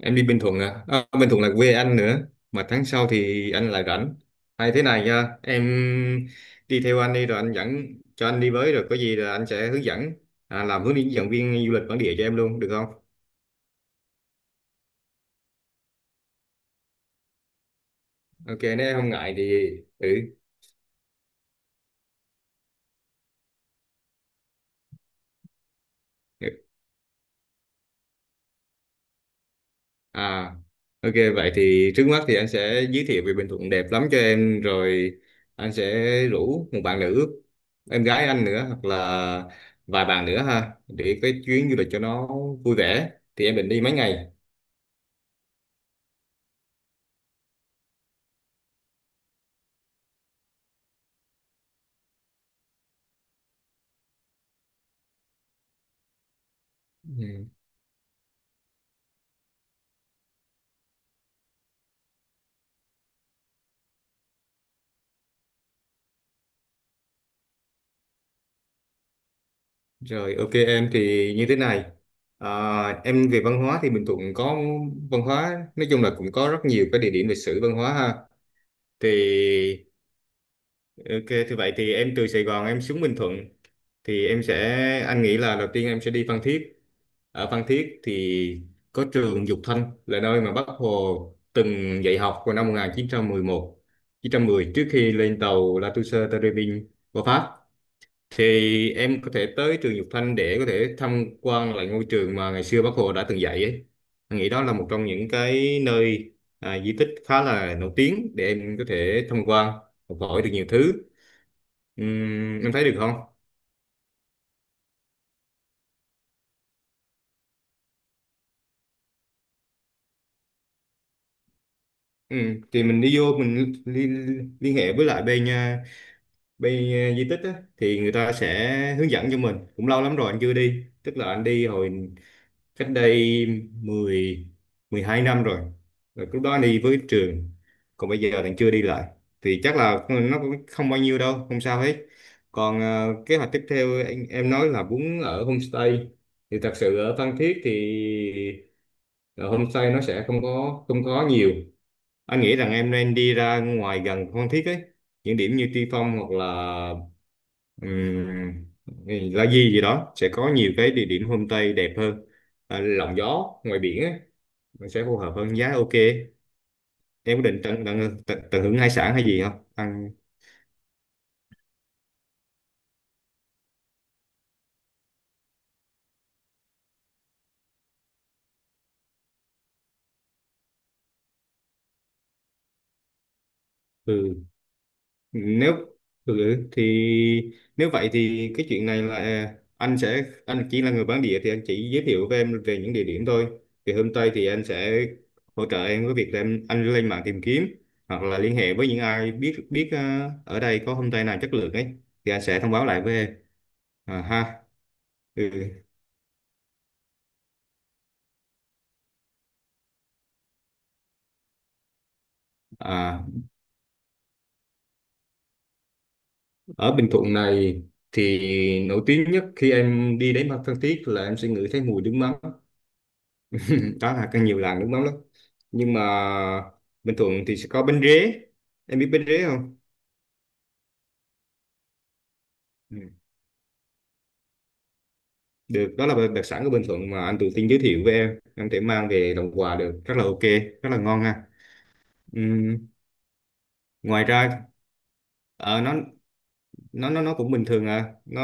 Em đi Bình Thuận à? À, Bình Thuận là quê anh nữa, mà tháng sau thì anh lại rảnh. Hay thế này nha em, đi theo anh đi rồi anh dẫn, cho anh đi với rồi có gì là anh sẽ hướng dẫn, làm hướng dẫn viên du lịch bản địa cho em luôn được không? Ok, nếu em không ngại thì ừ. à ok, vậy thì trước mắt thì anh sẽ giới thiệu về Bình Thuận đẹp lắm cho em rồi, anh sẽ rủ một bạn nữ, em gái anh nữa, hoặc là vài bạn nữa ha, để cái chuyến du lịch cho nó vui vẻ. Thì em định đi mấy ngày? Ừ. Rồi ok, em thì như thế này, em về văn hóa thì Bình Thuận có văn hóa, nói chung là cũng có rất nhiều cái địa điểm lịch sử văn hóa ha. Thì ok, thì vậy thì em từ Sài Gòn em xuống Bình Thuận thì em sẽ, anh nghĩ là đầu tiên em sẽ đi Phan Thiết. Ở Phan Thiết thì có trường Dục Thanh là nơi mà Bác Hồ từng dạy học vào năm 1911 910 trước khi lên tàu La Touche Tây Rê Vinh qua Pháp. Thì em có thể tới trường Dục Thanh để có thể tham quan lại ngôi trường mà ngày xưa Bác Hồ đã từng dạy ấy. Anh nghĩ đó là một trong những cái nơi, di tích khá là nổi tiếng để em có thể tham quan, học hỏi được nhiều thứ. Em thấy được không? Thì mình đi vô mình liên hệ với lại bên di tích á, thì người ta sẽ hướng dẫn cho mình. Cũng lâu lắm rồi anh chưa đi, tức là anh đi hồi cách đây 10 12 năm rồi. Rồi lúc đó đi với trường, còn bây giờ bạn chưa đi lại thì chắc là nó cũng không bao nhiêu đâu, không sao hết. Còn kế hoạch tiếp theo em nói là muốn ở homestay thì thật sự ở Phan Thiết thì ở homestay nó sẽ không có nhiều. Anh nghĩ rằng em nên đi ra ngoài gần Phan Thiết ấy, những điểm như Tuy Phong hoặc là Ừm, thì La Di gì đó sẽ có nhiều cái địa điểm homestay đẹp hơn, à, lộng gió ngoài biển á, nó sẽ phù hợp hơn giá ok. Em có định tận hưởng hải sản hay gì không ăn? Ừ. Nếu thì nếu vậy thì cái chuyện này là anh sẽ, anh chỉ là người bản địa thì anh chỉ giới thiệu với em về những địa điểm thôi, thì hôm tây thì anh sẽ hỗ trợ em với việc là em anh lên mạng tìm kiếm hoặc là liên hệ với những ai biết biết ở đây có homestay nào chất lượng ấy thì anh sẽ thông báo lại với em, à, ha ừ. À, ở Bình Thuận này thì nổi tiếng nhất khi em đi đến Phan Thiết là em sẽ ngửi thấy mùi nước mắm, đó là càng nhiều làng nước mắm lắm. Nhưng mà Bình Thuận thì sẽ có bánh rế, em biết bánh rế không? Ừ. Được, đó là đặc sản của Bình Thuận mà anh tự tin giới thiệu với em thể mang về làm quà được rất là ok, rất là ngon ha. Ừm, Ngoài ra, ờ, nó nó cũng bình thường à, nó,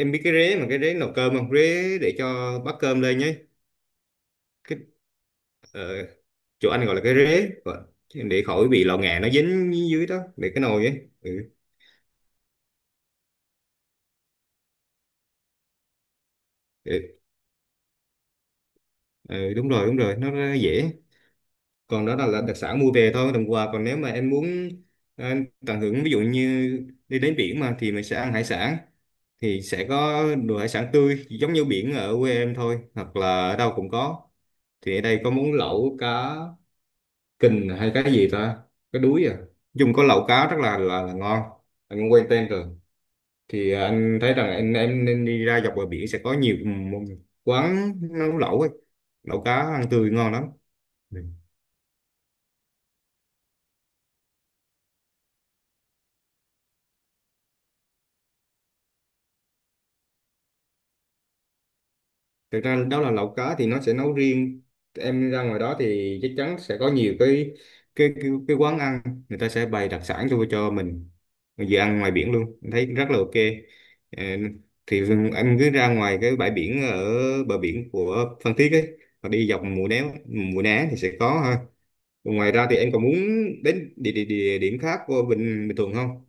em biết cái rế mà, cái rế nấu cơm không, rế để cho bát cơm lên nhé, cái ờ, chỗ anh gọi là cái rế, ờ, để khỏi bị lò nghè nó dính dưới đó, để cái nồi ấy ừ. Ừ, đúng rồi đúng rồi, nó rất dễ. Còn đó là đặc sản mua về thôi đồng quà, còn nếu mà em muốn ờ, tận hưởng ví dụ như đi đến biển mà thì mình sẽ ăn hải sản, thì sẽ có đồ hải sản tươi giống như biển ở quê em thôi, hoặc là ở đâu cũng có. Thì ở đây có món lẩu cá kình hay cái gì ta, cái đuối à, dùng có lẩu cá rất là ngon, anh cũng quen tên rồi. Thì anh thấy rằng anh em nên đi ra dọc bờ biển sẽ có nhiều quán nấu lẩu ấy. Lẩu cá ăn tươi ngon lắm. Thực ra đó là lẩu cá thì nó sẽ nấu riêng, em ra ngoài đó thì chắc chắn sẽ có nhiều cái quán ăn, người ta sẽ bày đặc sản cho mình vừa ăn ngoài biển luôn em thấy rất là ok. Ờ, thì em cứ ra ngoài cái bãi biển ở bờ biển của Phan Thiết ấy và đi dọc Mũi Né, Mũi Né thì sẽ có ha. Còn ngoài ra thì em còn muốn đến địa điểm khác của Bình Bình Thuận không?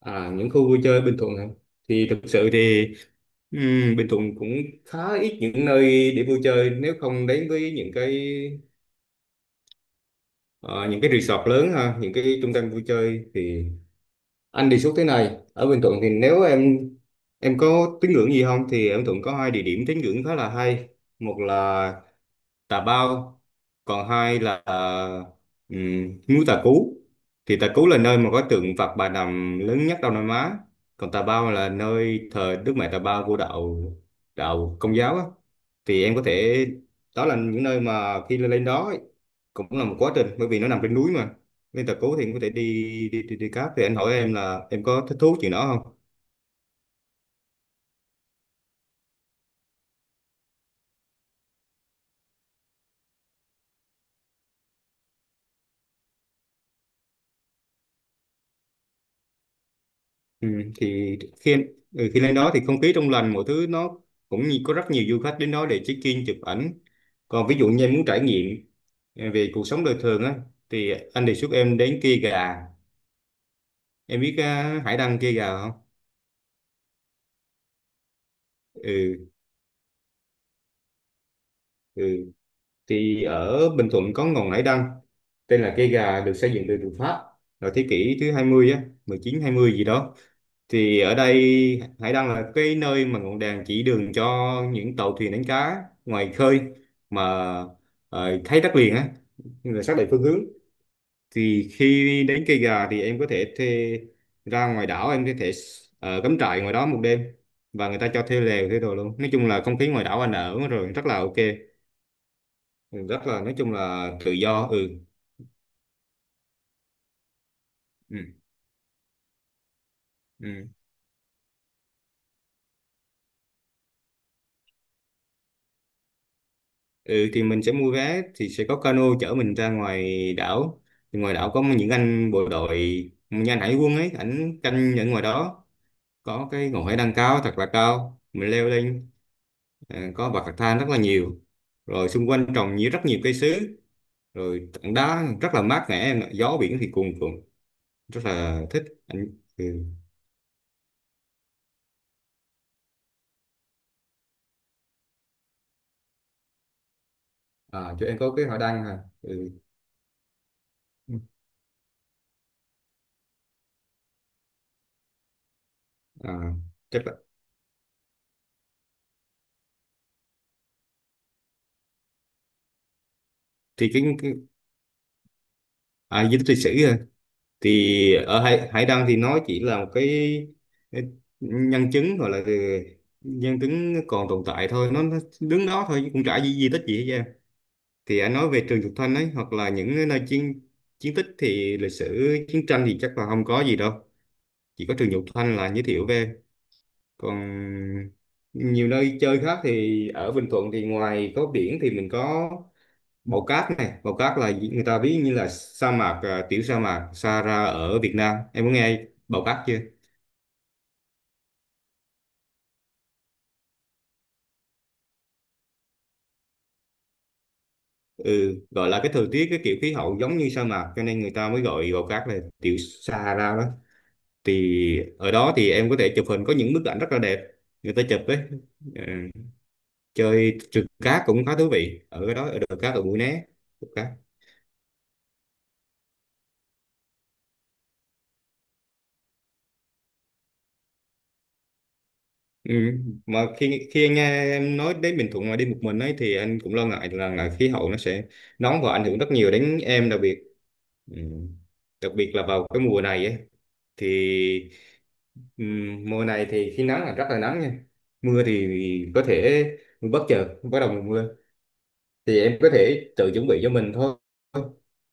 À, những khu vui chơi Bình Thuận hả? Thì thực sự thì Ừ, Bình Thuận cũng khá ít những nơi để vui chơi, nếu không đến với những cái ờ, những cái resort lớn ha, những cái trung tâm vui chơi, thì anh đề xuất thế này, ở Bình Thuận thì nếu em có tín ngưỡng gì không, thì ở Bình Thuận có hai địa điểm tín ngưỡng khá là hay, một là tà bao, còn hai là um, núi Tà Cú. Thì Tà Cú là nơi mà có tượng Phật Bà Nằm lớn nhất Đông Nam Á, còn Tà Bao là nơi thờ Đức Mẹ Tà Bao của đạo đạo Công giáo á. Thì em có thể, đó là những nơi mà khi lên đó ấy, cũng là một quá trình bởi vì nó nằm trên núi mà. Nên Tà Cú thì em có thể đi đi cáp, thì anh hỏi em là em có thích thú chuyện đó không? Ừ, thì khi lên đó thì không khí trong lành, mọi thứ nó cũng như có rất nhiều du khách đến đó để check in chụp ảnh. Còn ví dụ như em muốn trải nghiệm về cuộc sống đời thường á, thì anh đề xuất em đến Kia Gà, em biết hải đăng Kia Gà không? Ừ, ừ thì ở Bình Thuận có ngọn hải đăng tên là cây gà được xây dựng từ từ Pháp vào thế kỷ thứ 20 á, mười chín hai mươi gì đó. Thì ở đây hải đăng là cái nơi mà ngọn đèn chỉ đường cho những tàu thuyền đánh cá ngoài khơi mà thấy đất liền á, là xác định phương hướng. Thì khi đến cây gà thì em có thể thuê, ra ngoài đảo em có thể cắm trại ngoài đó một đêm, và người ta cho thuê lều thuê đồ luôn. Nói chung là không khí ngoài đảo anh ở rồi rất là ok. Ừ, rất là, nói chung là tự do ừ. ừ ừ ừ, thì mình sẽ mua vé thì sẽ có cano chở mình ra ngoài đảo. Thì ngoài đảo có những anh bộ đội, như anh hải quân ấy, ảnh canh ở ngoài đó, có cái ngọn hải đăng cao thật là cao, mình leo lên, ờ, có bậc thang rất là nhiều, rồi xung quanh trồng rất nhiều cây sứ, rồi tảng đá rất là mát mẻ em ạ. Gió biển thì cuồn cuộn, rất là thích anh ừ. À chỗ em có cái hải đăng hả ừ. à, Chắc là thì cái, à di tích lịch sử à. Thì ở hải đăng thì nó chỉ là một cái nhân chứng, gọi là cái nhân chứng còn tồn tại thôi, nó đứng đó thôi chứ cũng chả di tích gì hết trơn. Thì anh nói về Trường Thục Thanh ấy, hoặc là những nơi chiến chiến tích thì lịch sử chiến tranh thì chắc là không có gì đâu, chỉ có Trường Thục Thanh là giới thiệu về. Còn nhiều nơi chơi khác thì ở Bình Thuận thì ngoài có biển thì mình có màu cát này, màu cát là người ta ví như là sa mạc, à, tiểu sa mạc Sahara ở Việt Nam, em có nghe bào cát chưa? Ừ, gọi là cái thời tiết cái kiểu khí hậu giống như sa mạc, cho nên người ta mới gọi bào cát là tiểu Sahara đó. Thì ở đó thì em có thể chụp hình, có những bức ảnh rất là đẹp người ta chụp đấy. Ờ, chơi trượt cát cũng khá thú vị ở đó, ở đồi cát ở Mũi Né, trượt cát ừ. Mà khi khi anh nghe em nói đến Bình Thuận mà đi một mình ấy, thì anh cũng lo ngại là khí hậu nó sẽ nóng và ảnh hưởng rất nhiều đến em, đặc biệt Ừ. Đặc biệt là vào cái mùa này ấy, thì mùa này thì khi nắng là rất là nắng nha, mưa thì có thể bất chợt bắt đầu mùa mưa. Thì em có thể tự chuẩn bị cho mình thôi,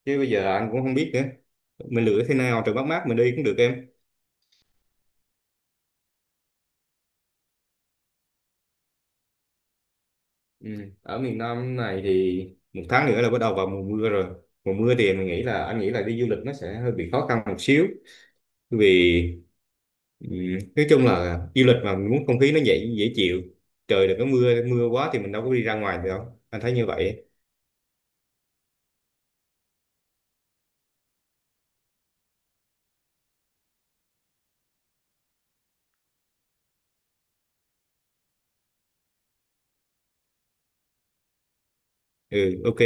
chứ bây giờ anh cũng không biết nữa, mình lựa thế nào trời mát mát mình đi cũng được em ừ. Ở miền Nam này thì một tháng nữa là bắt đầu vào mùa mưa rồi, mùa mưa thì mình nghĩ là anh nghĩ là đi du lịch nó sẽ hơi bị khó khăn một xíu vì Ừ. Nói chung là du lịch mà mình muốn không khí nó dễ dễ chịu, trời đừng có mưa mưa quá thì mình đâu có đi ra ngoài được, không anh thấy như vậy ừ ok.